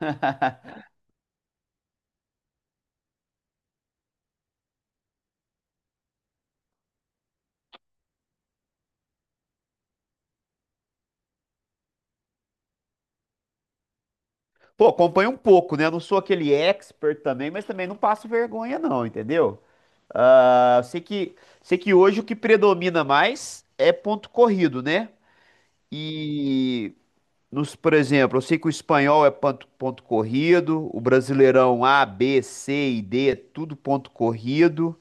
Pô, acompanho um pouco, né? Eu não sou aquele expert também, mas também não passo vergonha, não, entendeu? Ah, sei que hoje o que predomina mais é ponto corrido, né? E nos, por exemplo, eu sei que o espanhol é ponto corrido, o brasileirão A, B, C e D é tudo ponto corrido.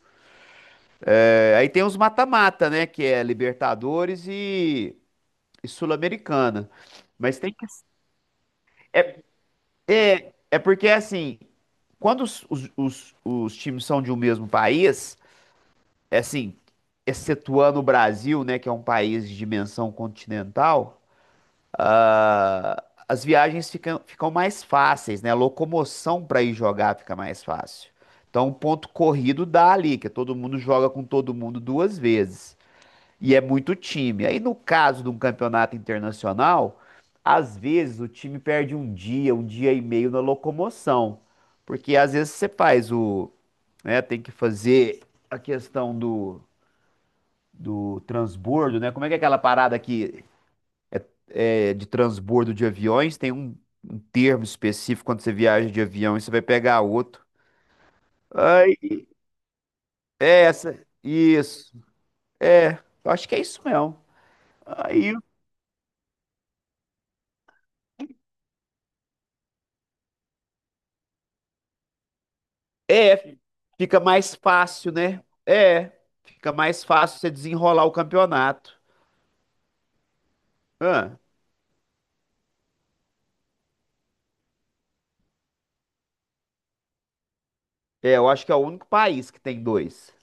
É, aí tem os mata-mata, né? Que é Libertadores e Sul-Americana. Mas tem que. É porque assim, quando os times são de um mesmo país, é assim, excetuando o Brasil, né, que é um país de dimensão continental, as viagens ficam mais fáceis, né? A locomoção para ir jogar fica mais fácil. Então, o ponto corrido dá ali, que todo mundo joga com todo mundo duas vezes. E é muito time. Aí, no caso de um campeonato internacional, às vezes o time perde um dia e meio na locomoção. Porque às vezes você faz o, né, tem que fazer a questão do transbordo, né? Como é que é aquela parada que é, de transbordo de aviões? Tem um termo específico quando você viaja de avião e você vai pegar outro. Aí, é essa, isso. É, eu acho que é isso mesmo. Aí É, fica mais fácil, né? É, fica mais fácil você desenrolar o campeonato. Ah, é, eu acho que é o único país que tem dois.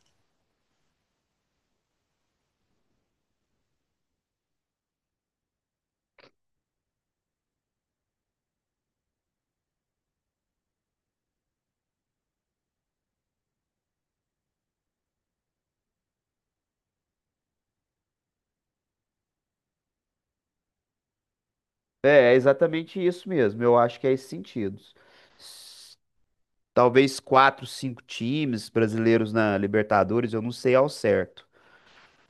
É exatamente isso mesmo. Eu acho que é esse sentido. S- Talvez quatro, cinco times brasileiros na Libertadores, eu não sei ao certo.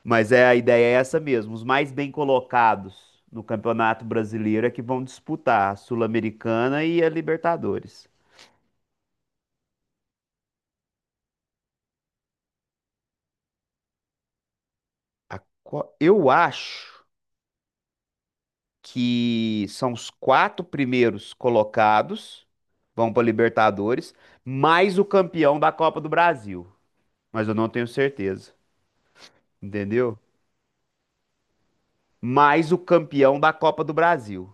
Mas a ideia é essa mesmo. Os mais bem colocados no Campeonato Brasileiro é que vão disputar a Sul-Americana e a Libertadores. Eu acho que são os quatro primeiros colocados, vão para Libertadores, mais o campeão da Copa do Brasil. Mas eu não tenho certeza, entendeu? Mais o campeão da Copa do Brasil,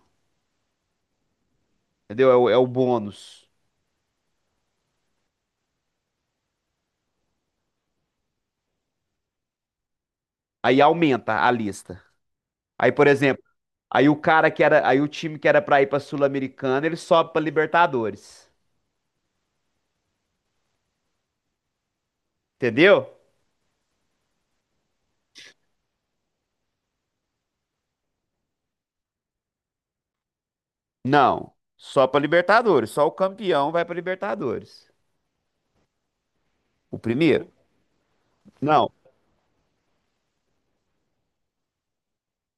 entendeu? É o bônus. Aí aumenta a lista. Aí, por exemplo, aí o time que era para ir para Sul-Americana, ele sobe para Libertadores, entendeu? Não, só para Libertadores, só o campeão vai para Libertadores. O primeiro? Não,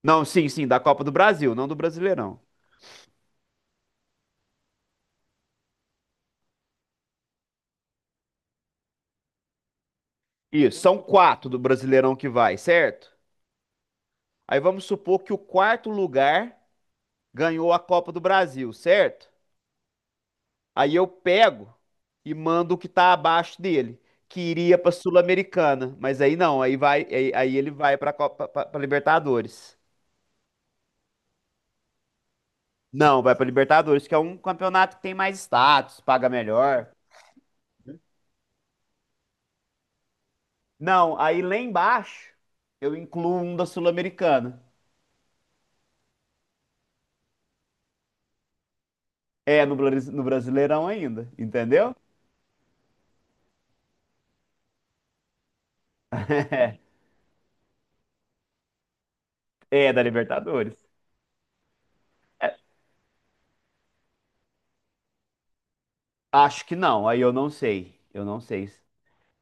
Não, sim, sim, da Copa do Brasil, não do Brasileirão. Isso, são quatro do Brasileirão que vai, certo? Aí vamos supor que o quarto lugar ganhou a Copa do Brasil, certo? Aí eu pego e mando o que tá abaixo dele, que iria pra Sul-Americana, mas aí não, aí vai, aí ele vai pra Libertadores. Não, vai pra Libertadores, que é um campeonato que tem mais status, paga melhor. Não, aí lá embaixo eu incluo um da Sul-Americana. É no Brasileirão ainda, entendeu? É da Libertadores. Acho que não, aí eu não sei. Eu não sei.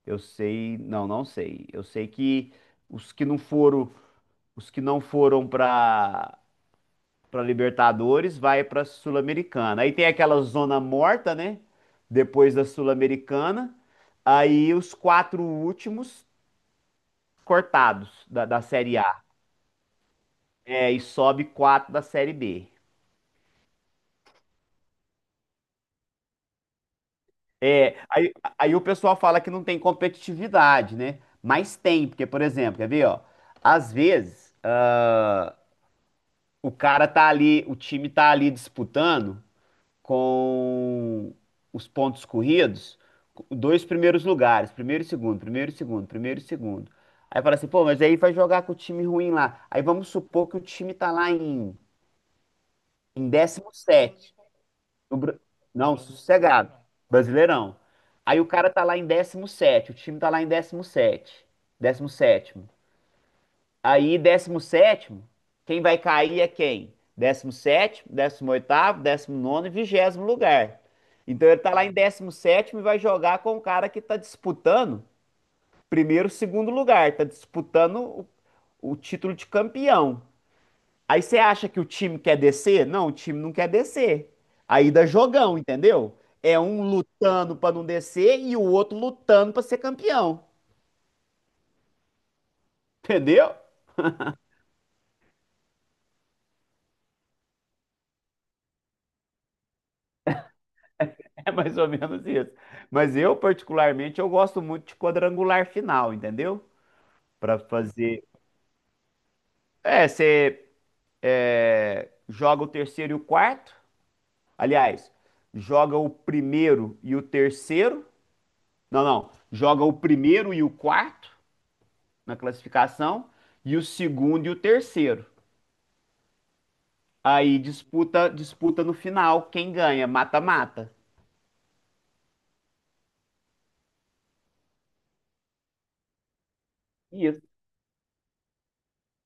Eu sei, não, não sei. Eu sei que os que não foram, os que não foram para Libertadores vai para Sul-Americana. Aí tem aquela zona morta, né? Depois da Sul-Americana, aí os quatro últimos cortados da Série A. É, e sobe quatro da Série B. É, aí o pessoal fala que não tem competitividade, né? Mas tem, porque, por exemplo, quer ver, ó? Às vezes, o cara tá ali, o time tá ali disputando com os pontos corridos, dois primeiros lugares, primeiro e segundo, primeiro e segundo, primeiro e segundo. Aí fala assim, pô, mas aí vai jogar com o time ruim lá. Aí vamos supor que o time tá lá em 17. No Bra- Não, sossegado. Brasileirão. Aí o cara tá lá em décimo sétimo, o time tá lá em décimo sétimo. Aí décimo sétimo, quem vai cair é quem? Décimo sétimo, décimo oitavo, décimo nono e vigésimo lugar. Então ele tá lá em décimo sétimo e vai jogar com o cara que tá disputando primeiro, segundo lugar, tá disputando o título de campeão. Aí você acha que o time quer descer? Não, o time não quer descer. Aí dá jogão, entendeu? É um lutando pra não descer e o outro lutando pra ser campeão. Entendeu? É mais ou menos isso. Mas eu, particularmente, eu gosto muito de quadrangular final, entendeu? Pra fazer. É, você joga o terceiro e o quarto. Aliás, joga o primeiro e o terceiro. Não, não. Joga o primeiro e o quarto, na classificação e o segundo e o terceiro. Aí disputa no final quem ganha, mata-mata. Isso,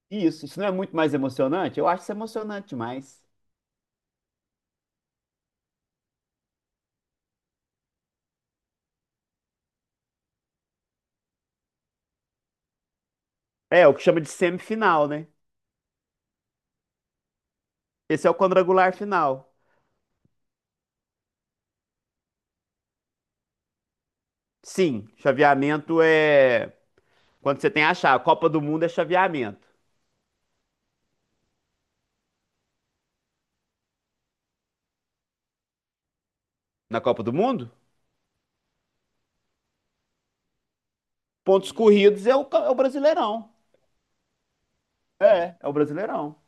isso. Isso não é muito mais emocionante? Eu acho isso emocionante demais. É, o que chama de semifinal, né? Esse é o quadrangular final. Sim, chaveamento é quando você tem a chave. A Copa do Mundo é chaveamento. Na Copa do Mundo, pontos corridos é o Brasileirão. É o Brasileirão.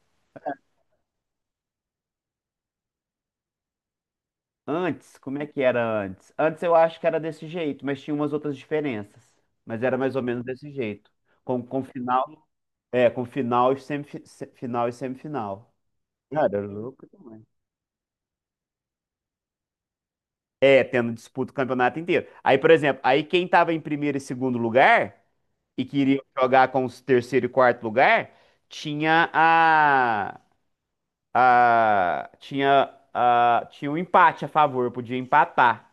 Antes, como é que era antes? Antes eu acho que era desse jeito, mas tinha umas outras diferenças. Mas era mais ou menos desse jeito. Com final, com final e final e semifinal. Cara, era louco demais. É, tendo disputa o campeonato inteiro. Aí, por exemplo, aí quem tava em primeiro e segundo lugar e queria jogar com os terceiro e quarto lugar, tinha a, tinha um empate a favor, podia empatar.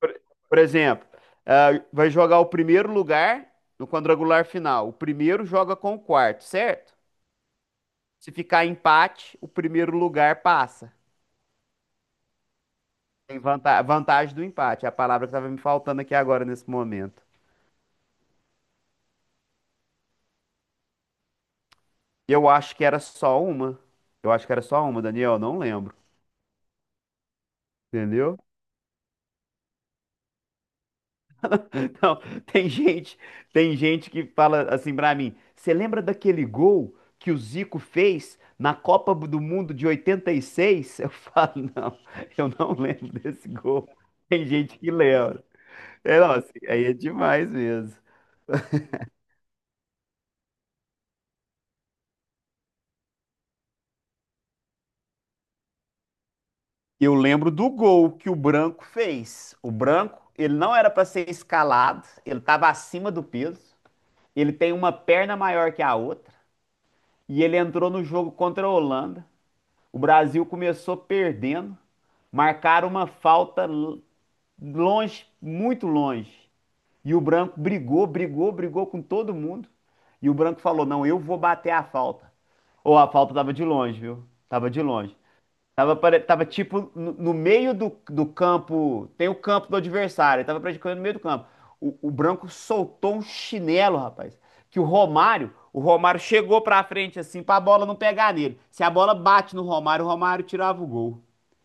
Por, por exemplo, vai jogar o primeiro lugar no quadrangular final. O primeiro joga com o quarto, certo? Se ficar empate, o primeiro lugar passa. Tem vantagem do empate. É a palavra que estava me faltando aqui agora nesse momento. Eu acho que era só uma. Eu acho que era só uma, Daniel. Não lembro. Entendeu? Não, tem gente, tem gente que fala assim pra mim, você lembra daquele gol que o Zico fez na Copa do Mundo de 86? Eu falo, não, eu não lembro desse gol. Tem gente que lembra. É, não, assim, aí é demais mesmo. Eu lembro do gol que o Branco fez. O Branco, ele não era pra ser escalado, ele tava acima do peso, ele tem uma perna maior que a outra, e ele entrou no jogo contra a Holanda. O Brasil começou perdendo, marcaram uma falta longe, muito longe. E o branco brigou, brigou, brigou com todo mundo. E o branco falou: Não, eu vou bater a falta. Ou a falta tava de longe, viu? Tava de longe. Tava tipo no meio do campo. Tem o campo do adversário, ele tava praticando no meio do campo. O Branco soltou um chinelo, rapaz. Que o Romário chegou pra frente assim pra bola não pegar nele. Se a bola bate no Romário, o Romário tirava o gol.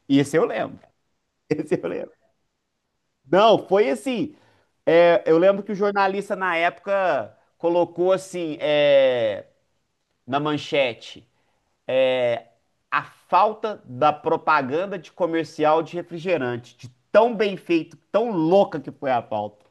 E esse eu lembro. Esse eu lembro. Não, foi assim. Eu lembro que o jornalista na época colocou assim, na manchete, a falta da propaganda de comercial de refrigerante, de tão bem feito, tão louca que foi a pauta.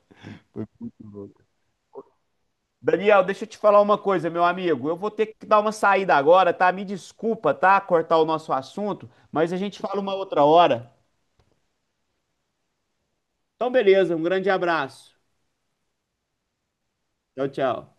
Daniel, deixa eu te falar uma coisa, meu amigo. Eu vou ter que dar uma saída agora, tá? Me desculpa, tá? Cortar o nosso assunto, mas a gente fala uma outra hora. Então, beleza, um grande abraço. Tchau, tchau.